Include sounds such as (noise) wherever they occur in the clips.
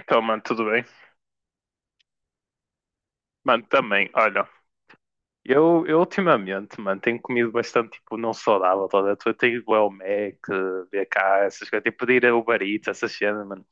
Então, mano, tudo bem? Mano, também, olha, eu ultimamente, mano, tenho comido bastante, tipo, não saudável, toda. Eu tenho ido ao Mac, BK, essas coisas, tenho pedir a Uber Eats, essas cenas, mano.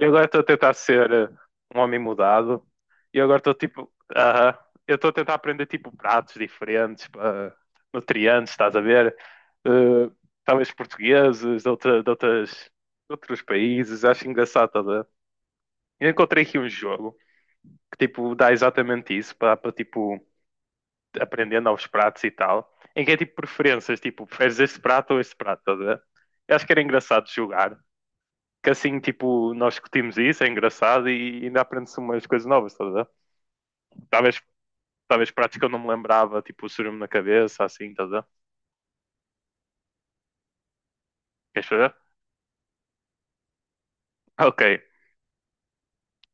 E agora estou a tentar ser um homem mudado, e agora estou, tipo, aham, eu estou a tentar aprender, tipo, pratos diferentes, pá, nutrientes, estás a ver? Eh, Talvez portugueses, de, outra, de outras, de outros países, acho engraçado, toda. Eu encontrei aqui um jogo que, tipo, dá exatamente isso, para, para tipo aprendendo aos pratos e tal, em que é tipo preferências, tipo, preferes este prato ou este prato, estás a ver? Eu acho que era engraçado jogar, que assim, tipo, nós discutimos isso, é engraçado e ainda aprende-se umas coisas novas, estás a ver? Talvez, talvez pratos que eu não me lembrava, tipo, o surume na cabeça, assim, estás a ver? Queres fazer? Ok.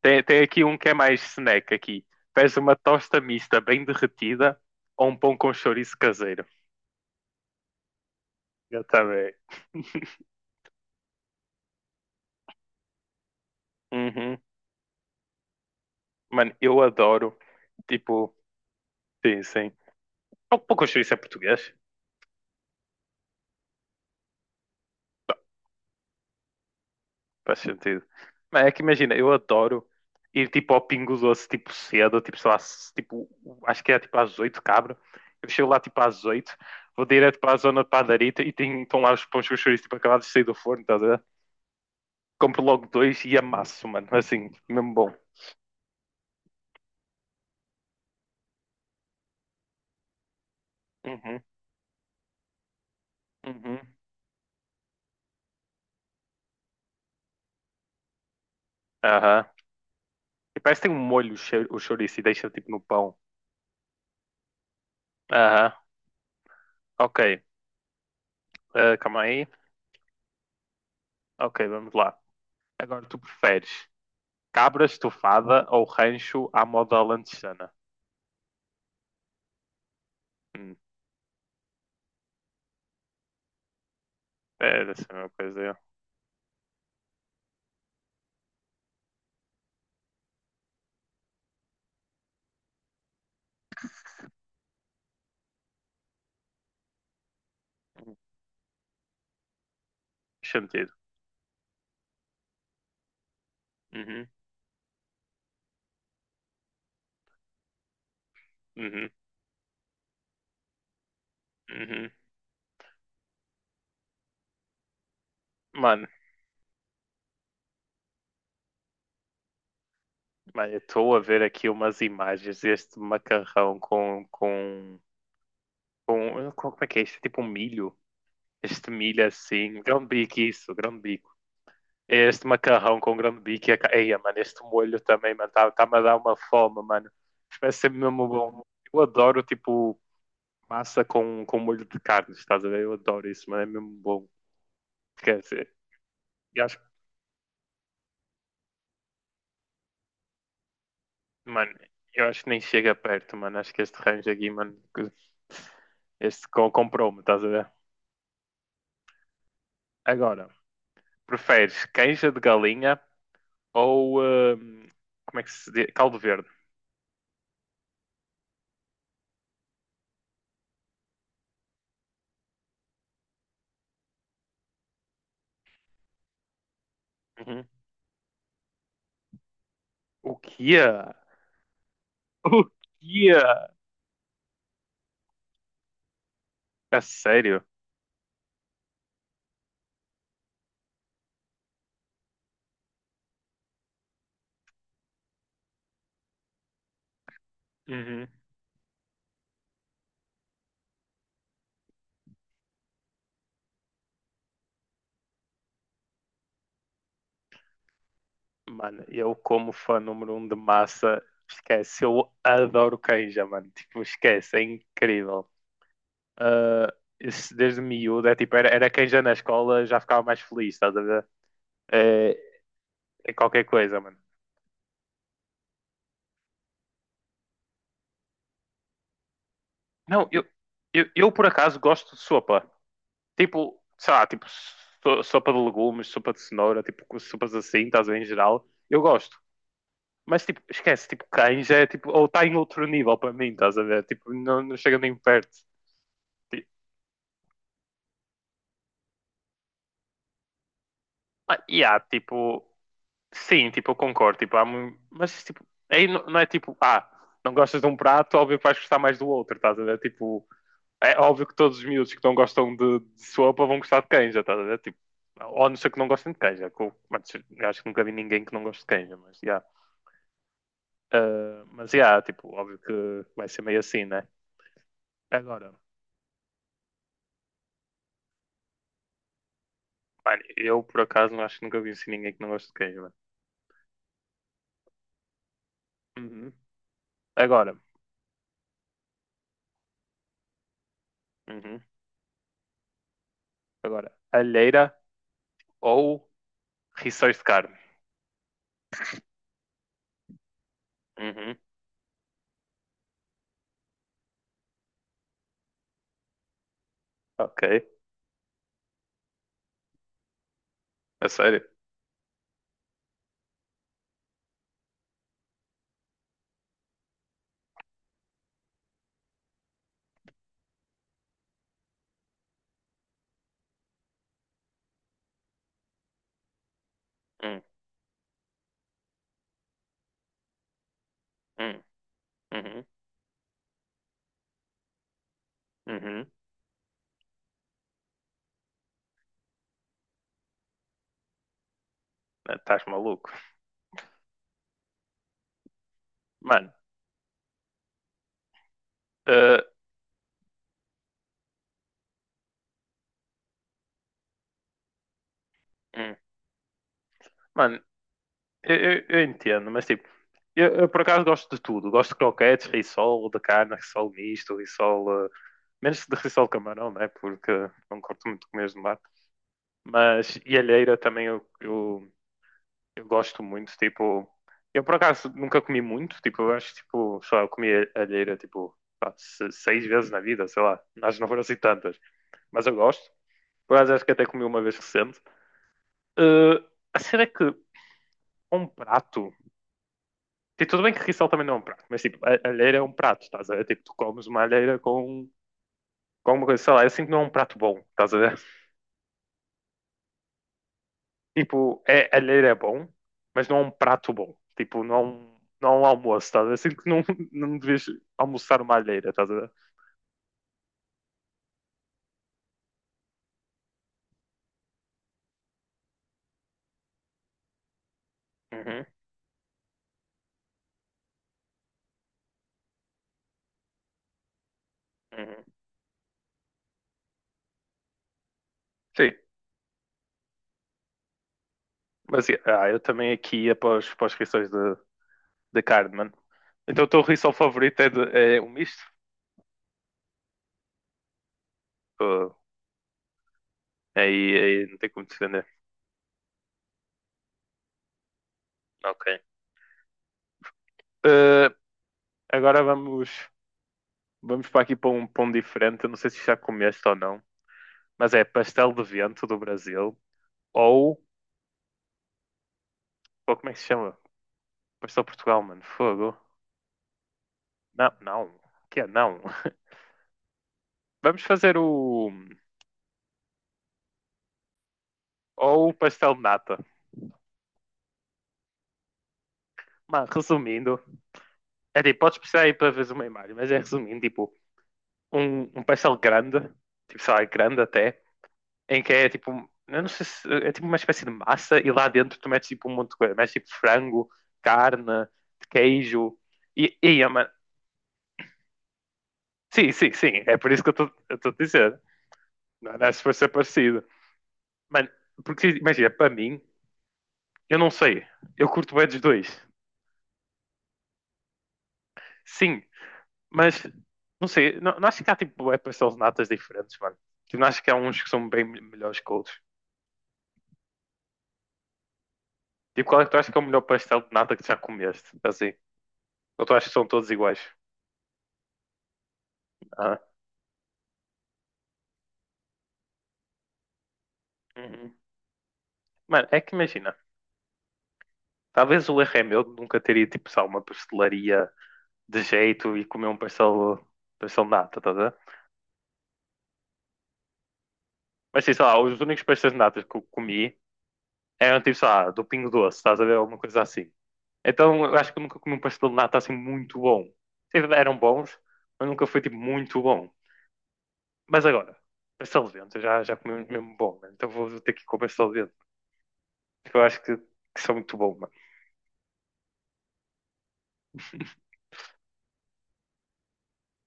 Tem aqui um que é mais snack aqui. Pedes uma tosta mista bem derretida ou um pão com chouriço caseiro. Eu também. (laughs) Uhum. Mano, eu adoro, tipo, sim, sim. Algo pouco chouriço é português, faz sentido. Mas é que imagina, eu adoro ir tipo ao Pingo Doce, tipo cedo, tipo, sei lá, se- tipo, acho que é tipo às 8 cabra. Eu chego lá tipo às 8 vou direto para a zona de padarita e tem, estão lá os pães com chouriço, tipo, acabados de sair do forno, estás a ver? Compro logo dois e amasso, mano, assim, mesmo bom. Uhum, uhum, aham. E parece que tem um molho o chou- o chouriço e deixa tipo no pão. Aham, ok. Ah, calma aí. Ok, vamos lá. Agora tu preferes. Cabra estufada ou rancho à moda lanchana? Hum, é, deve ser a mesma coisa. É. Faz sentido. Uhum, uhum, uhum. Mano, mano, eu estou a ver aqui umas imagens deste macarrão Como é que é isto? É tipo um milho. Este milho assim. Grão bico isso, grão bico é este macarrão com grão bico e a... Ca- Eia, mano, este molho também, mano, tá- tá-me a dar uma fome, mano. Isto ser mesmo bom. Eu adoro, tipo, massa com molho de carne, estás a ver? Eu adoro isso, mano, é mesmo bom. Quer dizer, eu acho que, mano, eu acho que nem chega perto, mano. Acho que este range aqui, mano, que- este co- comprou-me, estás a ver? Agora, preferes canja de galinha ou, como é que se diz? Caldo verde. Uhum. O que é? O que é? A sério? Uhum. Mano, eu como fã número um de massa, esquece, eu adoro canja, mano. Tipo, esquece, é incrível. ah, isso desde miúdo, é tipo, era quem já na escola já ficava mais feliz, estás a ver? É, é qualquer coisa, mano. Não, eu por acaso gosto de sopa. Tipo, sei lá, tipo, so- sopa de legumes, sopa de cenoura, tipo, com sopas assim, estás a ver, em geral, eu gosto. Mas, tipo, esquece, tipo, canja é, tipo, ou está em outro nível para mim, estás a ver? Tipo, não, não chega nem perto. Tipo, ah, e há, tipo, sim, tipo, eu concordo. Tipo, há mu- Mas tipo, aí não, não é tipo, ah, não gostas de um prato, óbvio que vais gostar mais do outro, estás a ver? Tipo, é óbvio que todos os miúdos que não gostam de sopa vão gostar de canja, estás a ver? Tipo, ou a não ser que não gostem de canja. Que eu- Mas, eu acho que nunca vi ninguém que não goste de canja, mas já. Ah, mas já, tipo, óbvio que vai ser meio assim, né? Agora, mano, eu por acaso não acho que nunca vi assim ninguém que não goste de queijo mano. Uhum. Agora, uhum. Agora, alheira ou rissóis de carne? Uhum. Ok. A sério? Hum, hum, uhum, uhum. Estás maluco? Mano, eh, hum, mano, eu, eu- Eu entendo, mas tipo, eu por acaso gosto de tudo. Gosto de croquetes, rissol, de carne, rissol misto, rissol. Menos de rissol de camarão, né? Porque não curto muito comer de mar. Mas e alheira também eu gosto muito. Tipo, eu por acaso nunca comi muito. Tipo, eu acho que tipo, só eu comi alheira tipo pá, se- seis vezes na vida, sei lá. Acho que não foram assim tantas. Mas eu gosto. Por acaso acho que até comi uma vez recente. Eh, a cena é que um prato. Tipo, tudo bem que rissol também não é um prato, mas tipo, a alheira é um prato, estás a ver? Tipo, tu comes uma alheira com alguma coisa, sei lá, eu sinto que não é um prato bom, estás a ver? (laughs) Tipo, é, a alheira é bom, mas não é um prato bom. Tipo, não é um almoço, estás a ver? Sinto que não, (laughs) não devias almoçar uma alheira, estás a ver? Uhum, uhum. Sim, mas yeah, eu também aqui ia para, os, para as rissóis de carne, mano. Então o teu rissol favorito é, de, é o misto? Uh, Aí, aí não tem como defender. Ok. Eh, agora vamos, vamos para aqui para um pão diferente. Eu não sei se já comeste ou não, mas é pastel de vento do Brasil ou, ou como é que se chama? Pastel Portugal, mano. Fogo. Não, não. Que é não. (laughs) Vamos fazer o ou o pastel de nata. Mano, resumindo, é tipo, podes precisar aí para ver uma imagem, mas é resumindo, tipo, um pastel grande, tipo, sei lá, grande até em que é tipo, eu não sei se é tipo uma espécie de massa e lá dentro tu metes tipo um monte de coisa, metes tipo frango, carne, queijo mano, sim, é por isso que eu estou a dizer, não é se for ser parecido, mano, porque imagina, para mim, eu não sei, eu curto bem dos dois, sim, mas não sei, não, não acho que há tipo é pastel de natas diferentes, mano, tipo, não acho que há uns que são bem melhores que outros, tipo, qual é que tu achas que é o melhor pastel de nata que tu já comeste, assim, ou tu achas que são todos iguais? Ah, uhum. Mano, é que imagina, talvez o erro é meu de nunca teria tipo, só uma pastelaria de jeito e comer um pastel, pastel de nata, estás a ver? Mas sim, sei lá, os únicos pastéis de nata que eu comi eram tipo, sei lá, do Pingo Doce, estás a ver? Alguma coisa assim. Então eu acho que eu nunca comi um pastel de nata assim muito bom. Sim, eram bons, mas nunca foi tipo muito bom. Mas agora, pastel de vento, já comi um mesmo bom, mano. Então vou ter que ir com o pastel de vento, porque eu acho que são muito bons mano.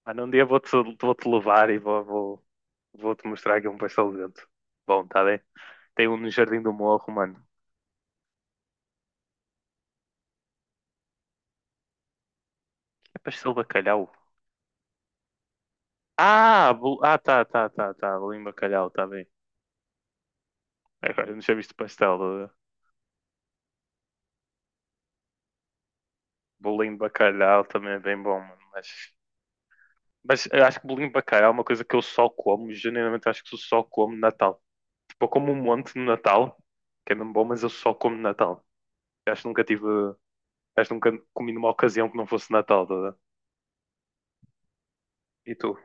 Mano, um dia vou-te levar e vou-te mostrar aqui um pastel de vento. Bom, tá bem. Tem um no Jardim do Morro, mano. É pastel de bacalhau. Ah, bol... ah, tá. Bolinho de bacalhau, tá bem. Agora não tinha visto pastel. Bolinho de bacalhau também é bem bom, mano. Mas eu acho que bolinho de bacalhau é uma coisa que eu só como. Genuinamente acho que eu só como no Natal. Tipo, eu como um monte no Natal, que é mesmo bom, mas eu só como no Natal. Eu acho que nunca tive. Acho que nunca comi numa ocasião que não fosse Natal, tá? A ver? E tu?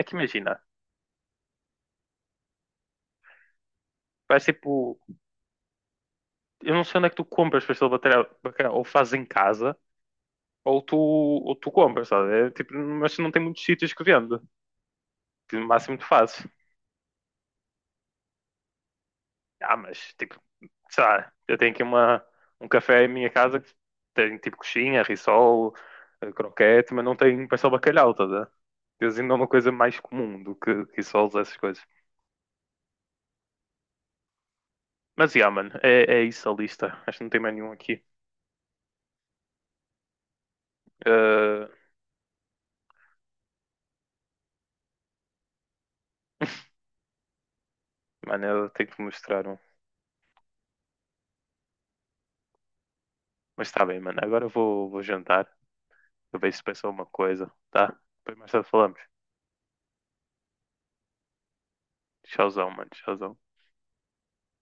É que imagina. Parece tipo, eu não sei onde é que tu compras pastel de bacalhau, bacalhau, ou fazes em casa, ou tu compras, sabe? É, tipo, mas não tem muitos sítios que vende. Que no máximo tu fazes. Ah, mas tipo, sei lá, eu tenho aqui uma, um café em minha casa que tem tipo coxinha, rissol, croquete, mas não tem pastel de bacalhau, tá? A ver? Eles ainda é uma coisa mais comum do que rissoles, essas coisas. Mas, yeah, mano, é, é isso a lista. Acho que não tem mais nenhum aqui. Eh, Mano, eu tenho que te mostrar um. Mas está bem, mano. Agora vou jantar. Eu vejo se pensou uma coisa, tá? Depois mais tarde falamos. Tchauzão, mano. Tchauzão.